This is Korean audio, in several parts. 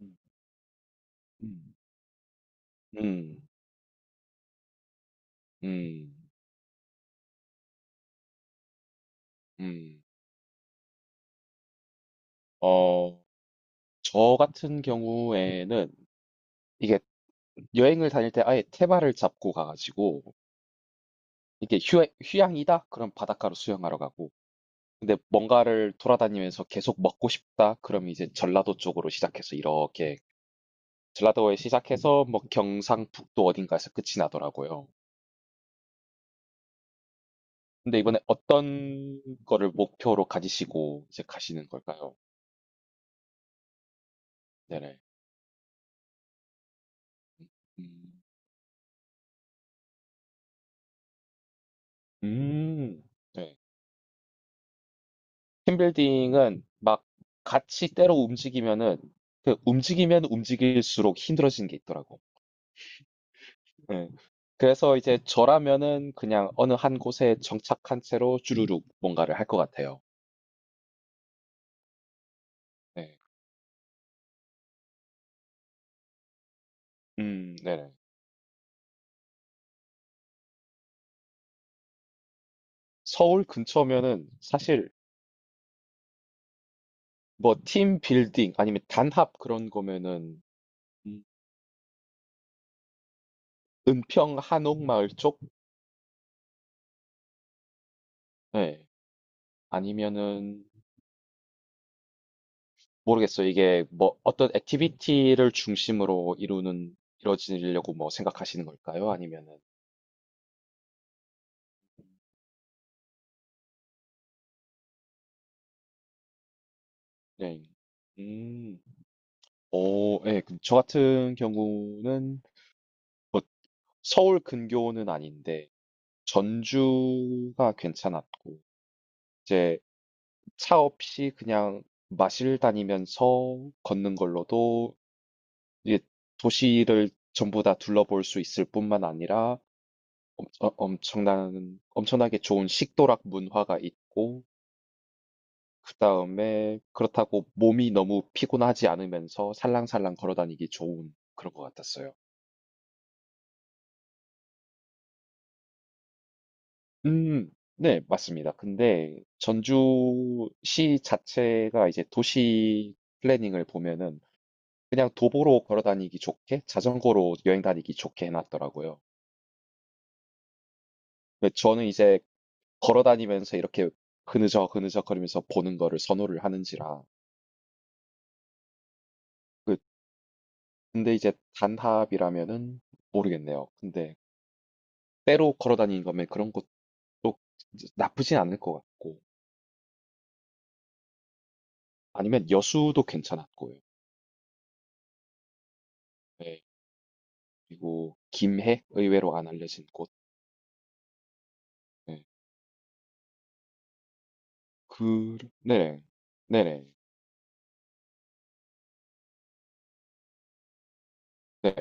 음. 음. 음. 음. 어, 저 같은 경우에는 이게 여행을 다닐 때 아예 테마를 잡고 가가지고 이게 휴양이다? 그럼 바닷가로 수영하러 가고. 근데 뭔가를 돌아다니면서 계속 먹고 싶다? 그럼 이제 전라도 쪽으로 시작해서 이렇게 전라도에 시작해서 뭐 경상북도 어딘가에서 끝이 나더라고요. 근데 이번에 어떤 거를 목표로 가지시고 이제 가시는 걸까요? 네네. 음. 음. 네. 팀빌딩은 막 같이 때로 움직이면은 움직이면 움직일수록 힘들어지는 게 있더라고. 예. 그래서 이제 저라면은 그냥 어느 한 곳에 정착한 채로 주르륵 뭔가를 할 것 같아요. 네. 네네. 서울 근처면은 사실 뭐 팀빌딩 아니면 단합 그런 거면은, 음, 은평 한옥마을 쪽? 네. 아니면은 모르겠어요. 이게 뭐 어떤 액티비티를 중심으로 이루는 이루어지려고 뭐 생각하시는 걸까요? 아니면은. 네. 음. 오, 예. 그저 같은 경우는 뭐 서울 근교는 아닌데 전주가 괜찮았고, 이제 차 없이 그냥 마실 다니면서 걷는 걸로도 이게 도시를 전부 다 둘러볼 수 있을 뿐만 아니라 엄청나게 좋은 식도락 문화가 있고, 그다음에 그렇다고 몸이 너무 피곤하지 않으면서 살랑살랑 걸어 다니기 좋은 그런 것 같았어요. 음, 네, 맞습니다. 근데 전주시 자체가 이제 도시 플래닝을 보면은 그냥 도보로 걸어 다니기 좋게, 자전거로 여행 다니기 좋게 해놨더라고요. 근데 저는 이제 걸어 다니면서 이렇게 그느적 그느적 거리면서 보는 거를 선호를 하는지라. 그- 근데 이제 단합이라면은 모르겠네요. 근데 때로 걸어 다니는 거면 그런 것 또 나쁘진 않을 것 같고, 아니면 여수도 괜찮았고요. 네. 그리고 김해, 의외로 안 알려진 곳. 네. 그 네네. 네네. 네.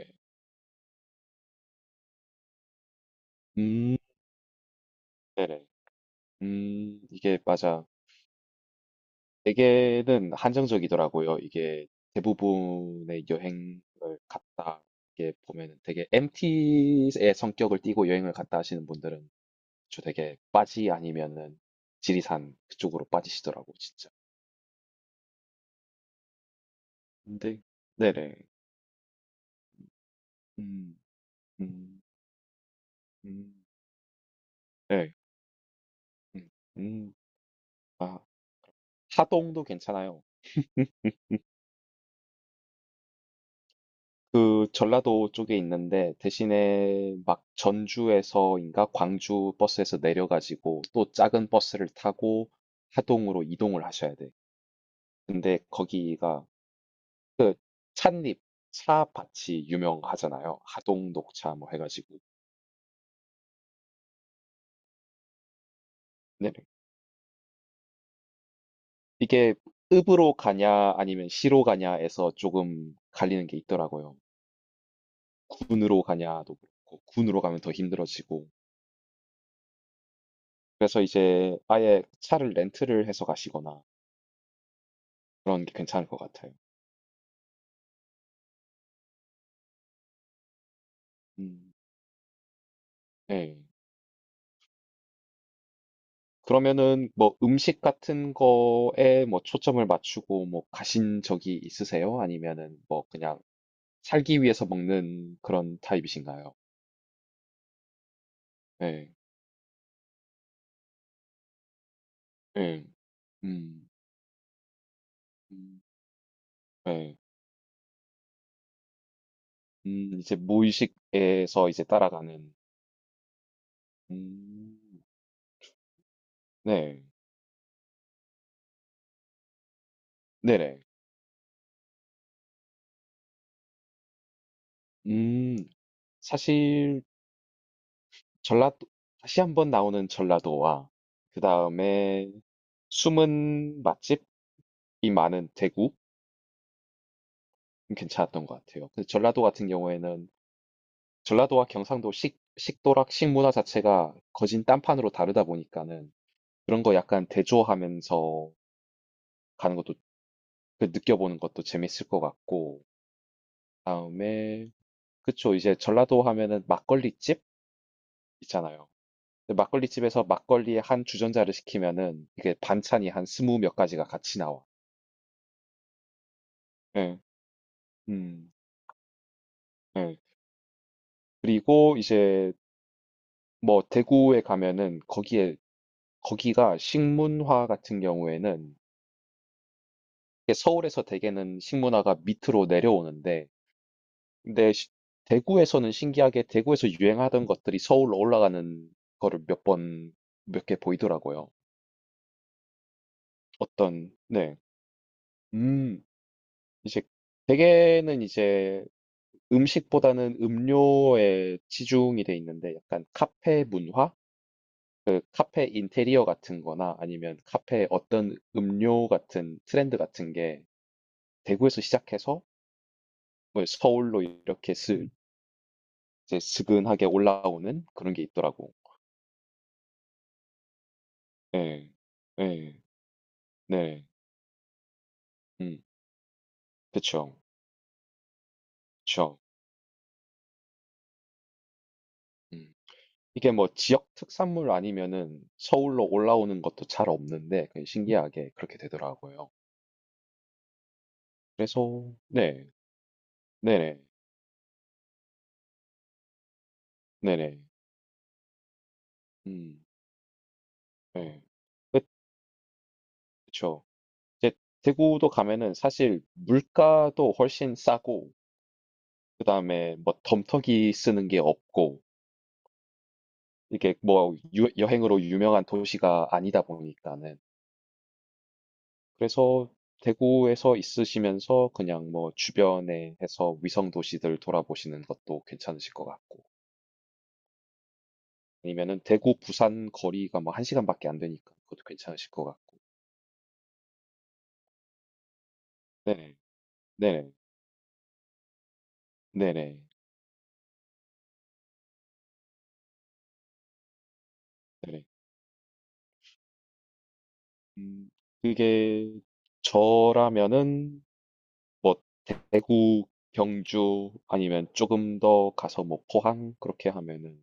음, 네네, 이게 맞아. 대개는 한정적이더라고요. 이게 대부분의 여행을 갔다 이게 보면은 되게 MT의 성격을 띠고 여행을 갔다 하시는 분들은 저 되게 빠지 아니면은 지리산 그쪽으로 빠지시더라고, 진짜. 근데. 네네. 음. 음. 음. 네. 음. 음. 아, 하동도 괜찮아요. 전라도 쪽에 있는데 대신에 막 전주에서인가 광주 버스에서 내려 가지고 또 작은 버스를 타고 하동으로 이동을 하셔야 돼. 근데 거기가 그 찻잎, 차밭이 유명하잖아요. 하동 녹차 뭐 해 가지고. 네네. 이게 읍으로 가냐 아니면 시로 가냐에서 조금 갈리는 게 있더라고요. 군으로 가냐도 그렇고, 군으로 가면 더 힘들어지고. 그래서 이제 아예 차를 렌트를 해서 가시거나 그런 게 괜찮을 것 같아요. 음, 네. 그러면은 뭐 음식 같은 거에 뭐 초점을 맞추고 뭐 가신 적이 있으세요? 아니면은 뭐 그냥 살기 위해서 먹는 그런 타입이신가요? 네. 네. 음, 음, 네. 이제 무의식에서 이제 따라가는. 음, 네, 네네. 음, 사실 전라도, 다시 한번 나오는 전라도와, 그 다음에 숨은 맛집이 많은 대구? 괜찮았던 것 같아요. 근데 전라도 같은 경우에는, 전라도와 경상도 식도락, 식문화 자체가 거진 딴판으로 다르다 보니까는, 그런 거 약간 대조하면서 가는 것도, 그 느껴보는 것도 재밌을 것 같고, 다음에, 그쵸, 이제 전라도 하면은 막걸리집? 있잖아요. 근데 막걸리집에서 막걸리에 한 주전자를 시키면은 이게 반찬이 한 스무 몇 가지가 같이 나와. 네. 음. 네. 그리고 이제 뭐 대구에 가면은 거기에 거기가 식문화 같은 경우에는 이게 서울에서 대개는 식문화가 밑으로 내려오는데, 근데 대구에서는 신기하게 대구에서 유행하던 것들이 서울로 올라가는 거를 몇 번, 몇 개 보이더라고요. 어떤, 네. 음, 이제 대개는 이제 음식보다는 음료에 치중이 돼 있는데, 약간 카페 문화? 카페 인테리어 같은 거나 아니면 카페 어떤 음료 같은 트렌드 같은 게 대구에서 시작해서 뭐 서울로 이렇게 이제 스근하게 올라오는 그런 게 있더라고. 예, 예, 네, 음, 그쵸, 그쵸. 음. 이게 뭐 지역 특산물 아니면은 서울로 올라오는 것도 잘 없는데 그냥 신기하게 그렇게 되더라고요. 그래서, 네, 네네, 네네, 음, 네, 그쵸. 이제 대구도 가면은 사실 물가도 훨씬 싸고, 그다음에 뭐 덤터기 쓰는 게 없고, 이게 뭐 여행으로 유명한 도시가 아니다 보니까는. 그래서 대구에서 있으시면서 그냥 뭐 주변에 해서 위성 도시들 돌아보시는 것도 괜찮으실 것 같고, 아니면은 대구 부산 거리가 뭐 한 시간밖에 안 되니까 그것도 괜찮으실 것 같고. 네네, 네네, 네네, 네네. 음, 그게 저라면은 뭐 대구, 경주 아니면 조금 더 가서 뭐 포항, 그렇게 하면은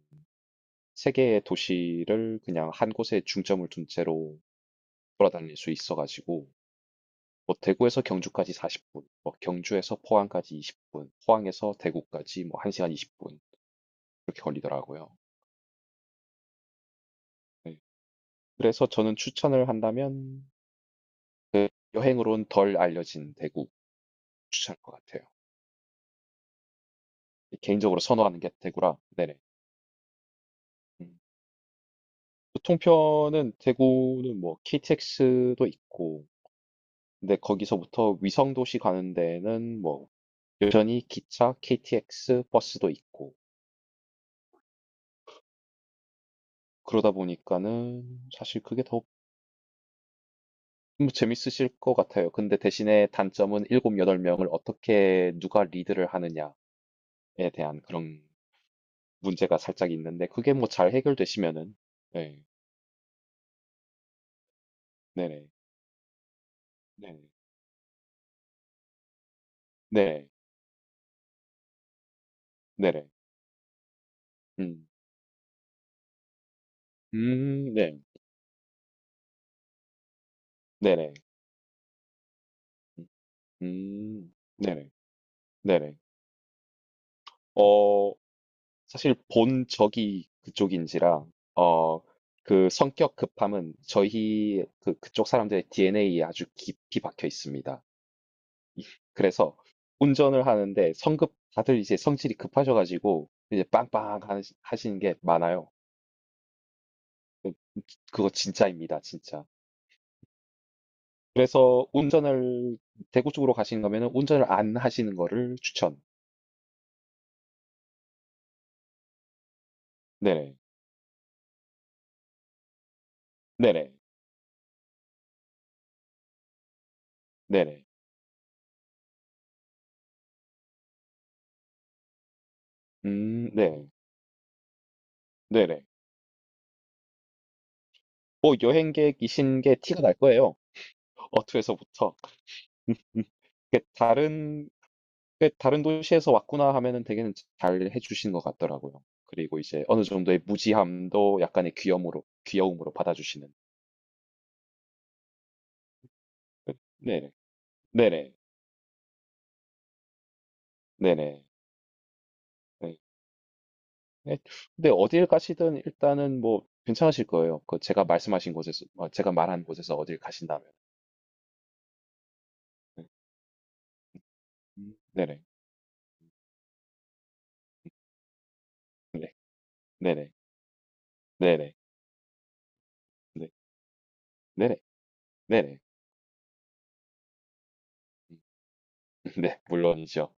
세 개의 도시를 그냥 한 곳에 중점을 둔 채로 돌아다닐 수 있어가지고 뭐 대구에서 경주까지 40분, 뭐 경주에서 포항까지 20분, 포항에서 대구까지 뭐 1시간 20분, 그렇게 걸리더라고요. 네. 그래서 저는 추천을 한다면 여행으로는 덜 알려진 대구, 추천할 것 같아요. 개인적으로 선호하는 게 대구라. 네네. 음. 교통편은, 대구는 뭐 KTX도 있고, 근데 거기서부터 위성도시 가는 데는 뭐 여전히 기차, KTX, 버스도 있고, 그러다 보니까는 사실 그게 더 뭐 재밌으실 것 같아요. 근데 대신에 단점은 7, 8명을 어떻게 누가 리드를 하느냐에 대한 그런 문제가 살짝 있는데, 그게 뭐 잘 해결되시면은, 네, 네네, 네, 네, 네네, 음, 네, 네네, 음, 음, 네네. 네네. 어, 사실 본 적이 그쪽인지라, 어, 그 성격 급함은 저희 그쪽 사람들의 DNA에 아주 깊이 박혀 있습니다. 이- 그래서 운전을 하는데 다들 이제 성질이 급하셔가지고 이제 빵빵 하시는 게 많아요. 그- 그거 진짜입니다, 진짜. 그래서 운전을 대구 쪽으로 가시는 거면은 운전을 안 하시는 거를 추천. 네네. 네네. 네네. 네. 네네. 뭐 여행객이신 게 티가 날 거예요. 어투에서부터. 그 다른 그 다른 도시에서 왔구나 하면은 되게 잘 해주신 것 같더라고요. 그리고 이제 어느 정도의 무지함도 약간의 귀염으로 귀여움으로 받아주시는. 네, 네네, 네네. 네. 네. 근데 어딜 가시든 일단은 뭐 괜찮으실 거예요. 제가 말한 곳에서 어딜 가신다면. 네. 네네, 네, 네네, 네네, 네, 네네, 네네, 음, 네, 물론이죠.